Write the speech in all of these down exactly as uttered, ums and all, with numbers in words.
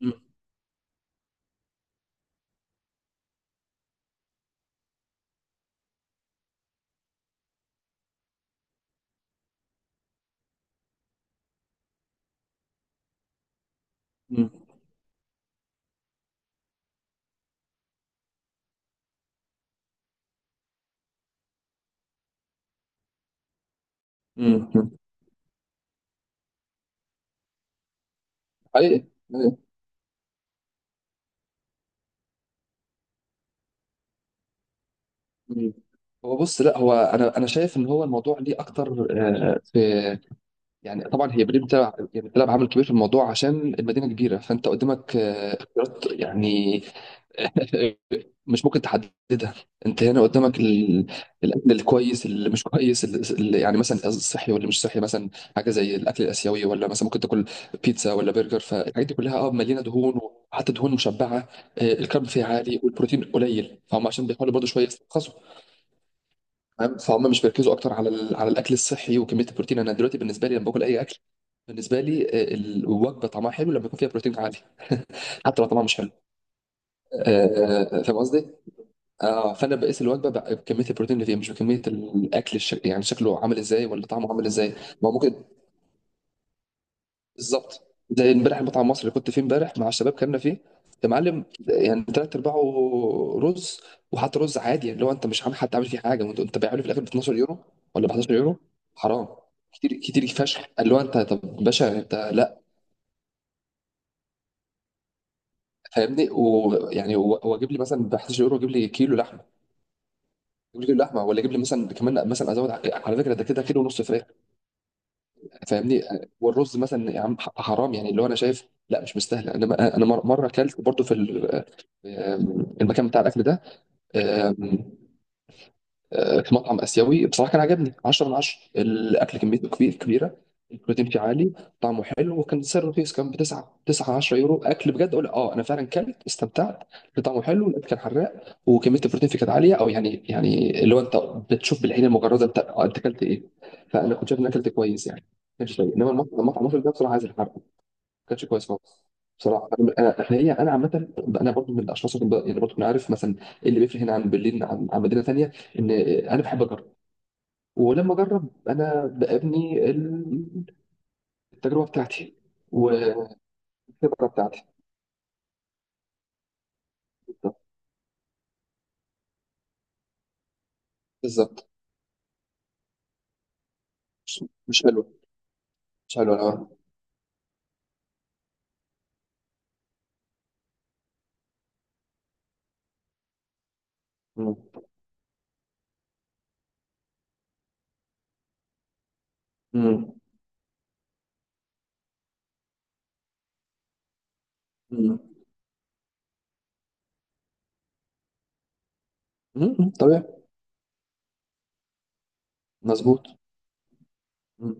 مم. مم. مم. حقيقي، حقيقي. مم. هو بص، لا هو انا انا شايف ان هو الموضوع ليه اكتر. آه، في يعني. طبعا هي بريم بتلعب، يعني بتلعب عامل كبير في الموضوع عشان المدينه كبيره، فانت قدامك آه، اختيارات يعني. مش ممكن تحددها. انت هنا قدامك ال... الاكل الكويس اللي مش كويس، اللي يعني مثلا الصحي ولا مش صحي مثلا. حاجه زي الاكل الاسيوي، ولا مثلا ممكن تاكل بيتزا ولا برجر. فالحاجات دي كلها اه مليانه دهون، وحتى دهون مشبعه. آه، الكارب فيها عالي والبروتين قليل، فهم عشان بيحاولوا برضه شويه يسترخصوا. فاهم؟ فهم مش بيركزوا اكتر على ال... على الاكل الصحي وكميه البروتين. انا دلوقتي بالنسبه لي، لما باكل اي اكل، بالنسبه لي، آه، الوجبه طعمها حلو لما يكون فيها بروتين عالي. حتى لو طعمها مش حلو. آه، آه، فاهم قصدي؟ اه، فانا بقيس الوجبه بق- بكميه البروتين اللي فيها، مش بكميه الاكل الشك... يعني شكله عامل ازاي ولا طعمه عامل ازاي. ما هو ممكن. بالظبط زي امبارح، المطعم المصري اللي كنت فيه امبارح مع الشباب كنا فيه، يا معلم، يعني تلات ارباعه رز. وحتى رز عادي، يعني لو انت مش عامل، حتى عامل فيه حاجه، وانت انت بايعه لي في الاخر ب 12 يورو ولا ب 11 يورو. حرام. كتير كتير فشخ. قال له انت طب باشا، انت لا. فاهمني؟ ويعني هو هو جيب لي مثلا ب 11 يورو، جيب لي كيلو لحمه. جيب لي كيلو لحمه، ولا جيب لي مثلا كمان مثلا ازود ع- على فكره، ده كده كيلو ونص فراخ. فاهمني؟ والرز مثلا يا عم، ح- حرام يعني. اللي هو انا شايف لا، مش مستاهله. انا انا مره مره اكلت برضو في ال- في المكان بتاع الاكل ده. آه، في مطعم اسيوي بصراحه كان عجبني عشرة من عشرة. الاكل كميته كبير كبيره، البروتين فيه عالي، طعمه حلو، وكان سعره رخيص. كان ب تسعة تسعة 10 يورو. اكل بجد، اقول اه انا فعلا كلت استمتعت. طعمه حلو، الاكل كان حراق، وكميه البروتين فيه كانت عاليه. او يعني، يعني اللي هو انت بتشوف بالعين المجرده انت آه، انت اكلت ايه. فانا كنت شايف ان اكلت كويس يعني، كانش سيء. انما المطعم المطعم المصري ده بصراحه عايز الحرق، كانش كويس خالص. بصراحه انا، أنا- احنا، هي انا عامه انا برضو من الاشخاص اللي ب- يعني برضو انا عارف مثلا إيه اللي بيفرق هنا عن برلين، عن عن مدينه ثانيه. ان انا بحب اجرب، ولما اجرب انا بابني ال- التجربه بتاعتي والخبره بتاعتي. بالظبط. مش، مش حلوه. مش حلوه لا. مم. مم. مم. مم. طبيعي. مظبوط. مم.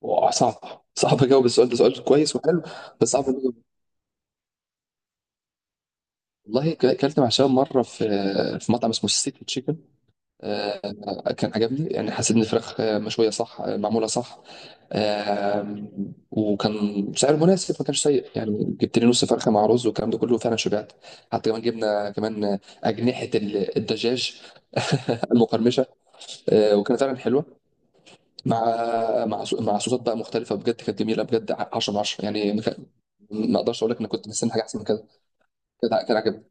واه، صعب، صعب اجاوب السؤال ده. سؤال كويس وحلو. بس صعب أجاوب. والله، ك- اكلت مع شباب مره في في مطعم اسمه سيتي تشيكن. آه، كان عجبني، يعني حسيت ان الفراخ آه، مشويه صح، آه، معموله صح. آم، وكان سعر مناسب، ما كانش سيء. يعني جبت لي نص فرخه مع رز والكلام ده كله، فعلا شبعت. حتى كمان جبنا كمان اجنحه ال- الدجاج المقرمشه. آه، وكانت فعلا حلوه، مع مع صو- مع صوصات بقى مختلفه. بجد كانت جميله بجد، عشرة من عشرة يعني. ما كان- ما اقدرش اقول لك انا كنت مستني حاجه احسن من كده. كان، كان عجبني.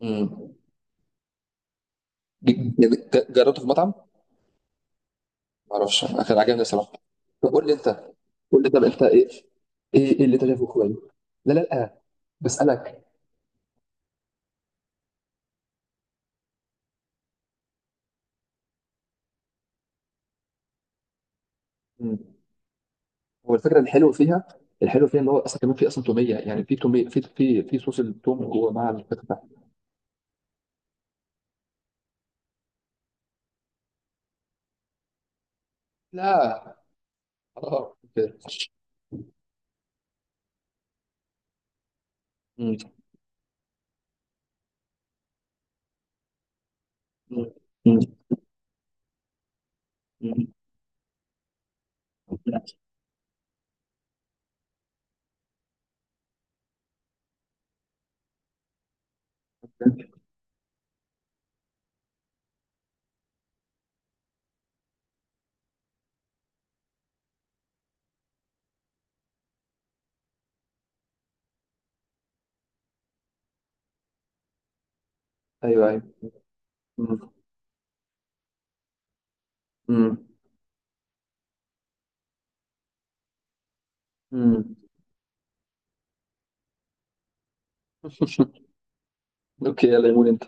مم. ج- يعني ج- جربته في مطعم. ما اعرفش، أنا كان عاجبني صراحه. طب قول لي انت، قول لي طب انت ايه، ايه إيه اللي انت شايفه كويس. لا لا لا، بسالك. مم. هو الفكره الحلو فيها، الحلو فيها، ان هو اصلا كمان في اصلا توميه. يعني في توميه في، في، في صوص التوم جوه مع الفته. لا. اه كده. مم. مم. مم. مم. ايوه، ايوه. مم. مم. مم. اوكي، يلا قول انت.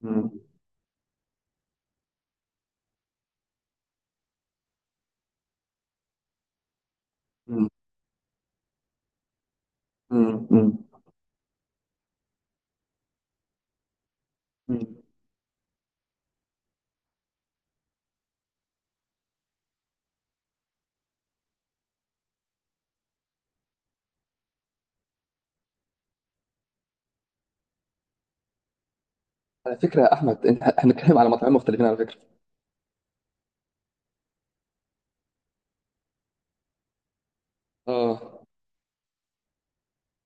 مم. مم. مم. مم. مم. على فكره يا احمد، إن- احنا بنتكلم على مطاعم مختلفين على فكره. اه.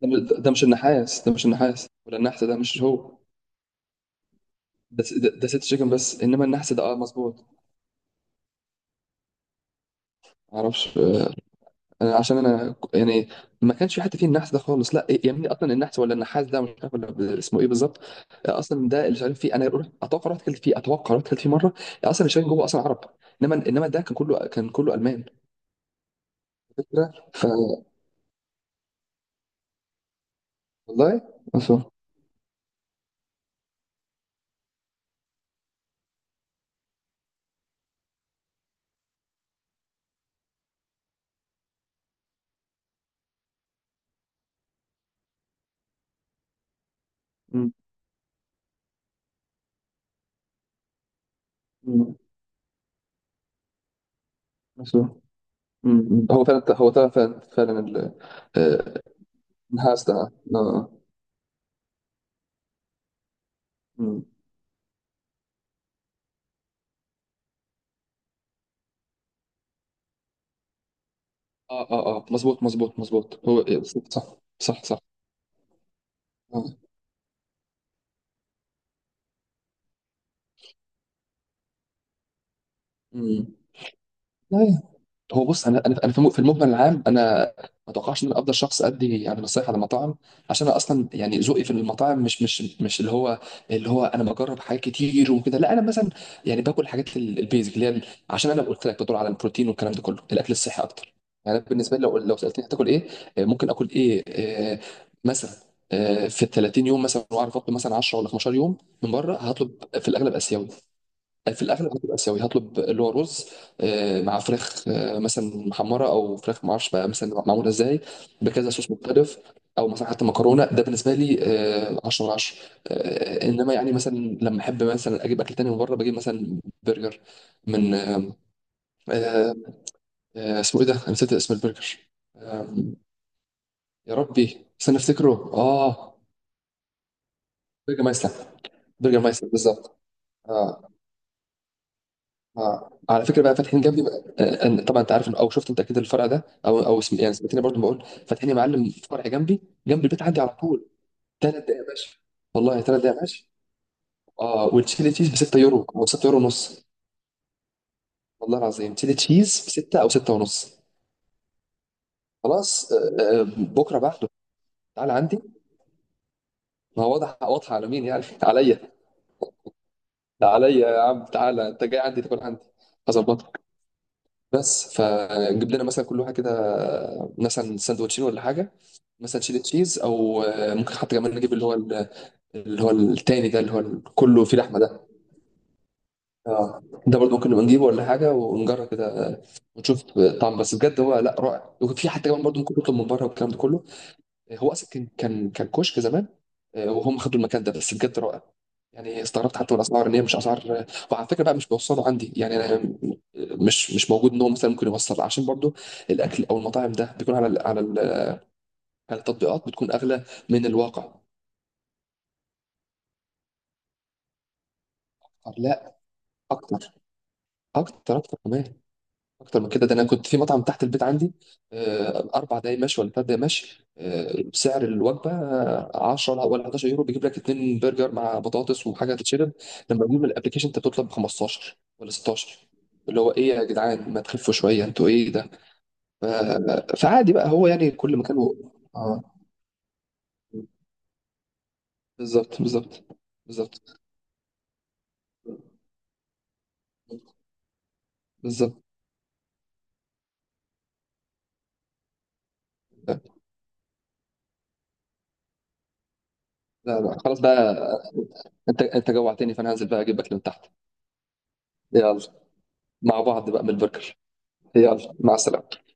ده م- ده مش النحاس، ده مش النحاس ولا النحس، ده مش هو. ده س- ده، ده ست شيكن بس. انما النحس ده اه مظبوط. معرفش. آه، انا عشان انا ك- يعني ما كانش في حد فيه النحس ده خالص لا. يعني اصلا النحس ولا النحاس ده مش عارف ولا ب- اسمه ايه بالظبط. آه، اصلا ده اللي شغالين فيه. انا رحت- اتوقع رحت اكلت فيه، اتوقع رحت اكلت فيه مره. آه، اصلا اللي شغالين جوه اصلا عرب. انما، انما ده كان كله، كان كله المان. فكره، ف، والله، اصلا. أمم. أمم. أصلاً. أمم. أمم. هو فعلا، هو فعلا، فعلا، فعلاً ال- آه، النحاس ده. آه. مم. اه، اه، اه، مظبوط، مظبوط، مظبوط. هو صح، صح، صح، صح. آه. مم. لا هو بص، انا انا انا في الم- في المجمل العام انا ما اتوقعش ان انا افضل شخص ادي يعني نصايح على المطاعم، عشان انا اصلا يعني ذوقي في المطاعم مش، مش، مش اللي هو، اللي هو، انا بجرب حاجات كتير وكده. لا انا مثلا يعني باكل الحاجات ال- البيزك، اللي هي ال- عشان انا قلت لك بدور على البروتين والكلام ده كله، الاكل الصحي اكتر. يعني أنا بالنسبه لي، لو، لو سالتني هتاكل ايه، آه، ممكن اكل ايه، آه، مثلا آه، في ال 30 يوم مثلا، واعرف اطلب مثلا عشرة ولا 15 يوم من بره، هطلب في الاغلب اسيوي. في الاغلب هتبقى اسيوي. هطلب اللي هو رز، آه، مع فراخ، آه، مثلا محمره، او فراخ ما اعرفش بقى مثلا معموله ازاي بكذا صوص مختلف. او مثلا حتى مكرونه. ده بالنسبه لي آه، عشرة من عشرة. آه، انما يعني مثلا لما احب مثلا اجيب اكل تاني من بره، بجيب مثلا برجر من آه، آه، آه، اسمه ايه ده، انا نسيت اسم البرجر. آه، يا ربي استنى افتكره. اه، برجر مايستر. برجر مايستر بالظبط. اه. آه. على فكره بقى فاتحين جنبي بقى. آه، أنا- طبعا انت عارف إن- او شفت انت اكيد الفرع ده، او او اسم، يعني سمعتني برضو بقول فاتحين يا معلم فرع جنبي جنب البيت عندي على طول. ثلاث دقائق ماشي. والله ثلاث دقائق ماشي. اه، والتشيلي تشيز ب 6 يورو او 6 يورو ونص. والله العظيم تشيلي تشيز ب ستة او ستة ونص. خلاص آه، آه، بكره بعده. تعالى عندي. ما هو واضح، واضحه على مين يعني. عليا. ده عليا يا عم، تعالى انت جاي عندي تاكل عندي. هظبطك. بس فجيب لنا مثلا كل واحد كده آه، مثلا سندوتشين ولا حاجه. مثلا شيدر تشيز، او آه، ممكن حتى كمان نجيب اللي هو ال- اللي هو التاني ده، اللي هو ال- كله فيه لحمه ده. اه ده برضه ممكن نبقى نجيبه ولا حاجه ونجرب كده. آه، ونشوف آه، طعم، بس بجد هو لا رائع. وفي حتى كمان برضه ممكن نطلب من بره والكلام ده كله. آه، هو اصلا كان، كان، كان كشك زمان. آه، وهم خدوا المكان ده، بس بجد رائع. يعني استغربت حتى من الاسعار ان هي مش اسعار آه، وعلى فكره بقى مش بيوصلوا عندي، يعني انا آه، مش، مش موجود ان هو مثلا ممكن يوصل. عشان برضه الاكل او المطاعم ده بيكون على ال- على ال- على التطبيقات بتكون اغلى من الواقع. اكتر، اكتر، اكتر كمان. اكتر من كده. ده انا كنت في مطعم تحت البيت عندي آه، اربع دقايق مشي ولا ثلاث دقايق مشي. آه، سعر الوجبه آه، عشرة ولا، ولا 11 يورو بيجيب لك اتنين برجر مع بطاطس وحاجه تتشرب. لما بيجيب الابلكيشن انت بتطلب خمسة عشر ولا ستاشر. اللي هو ايه يا جدعان، ما تخفوا شويه، انتوا ايه ده. ف- فعادي بقى، هو يعني كل مكان هو، اه. بالظبط، بالظبط، بالظبط، بالظبط. لا لا خلاص بقى. انت، انت جوعتني، فانا هنزل بقى اجيب اكل من تحت. يلا مع بعض بقى من البرجر. يلا، مع السلامة.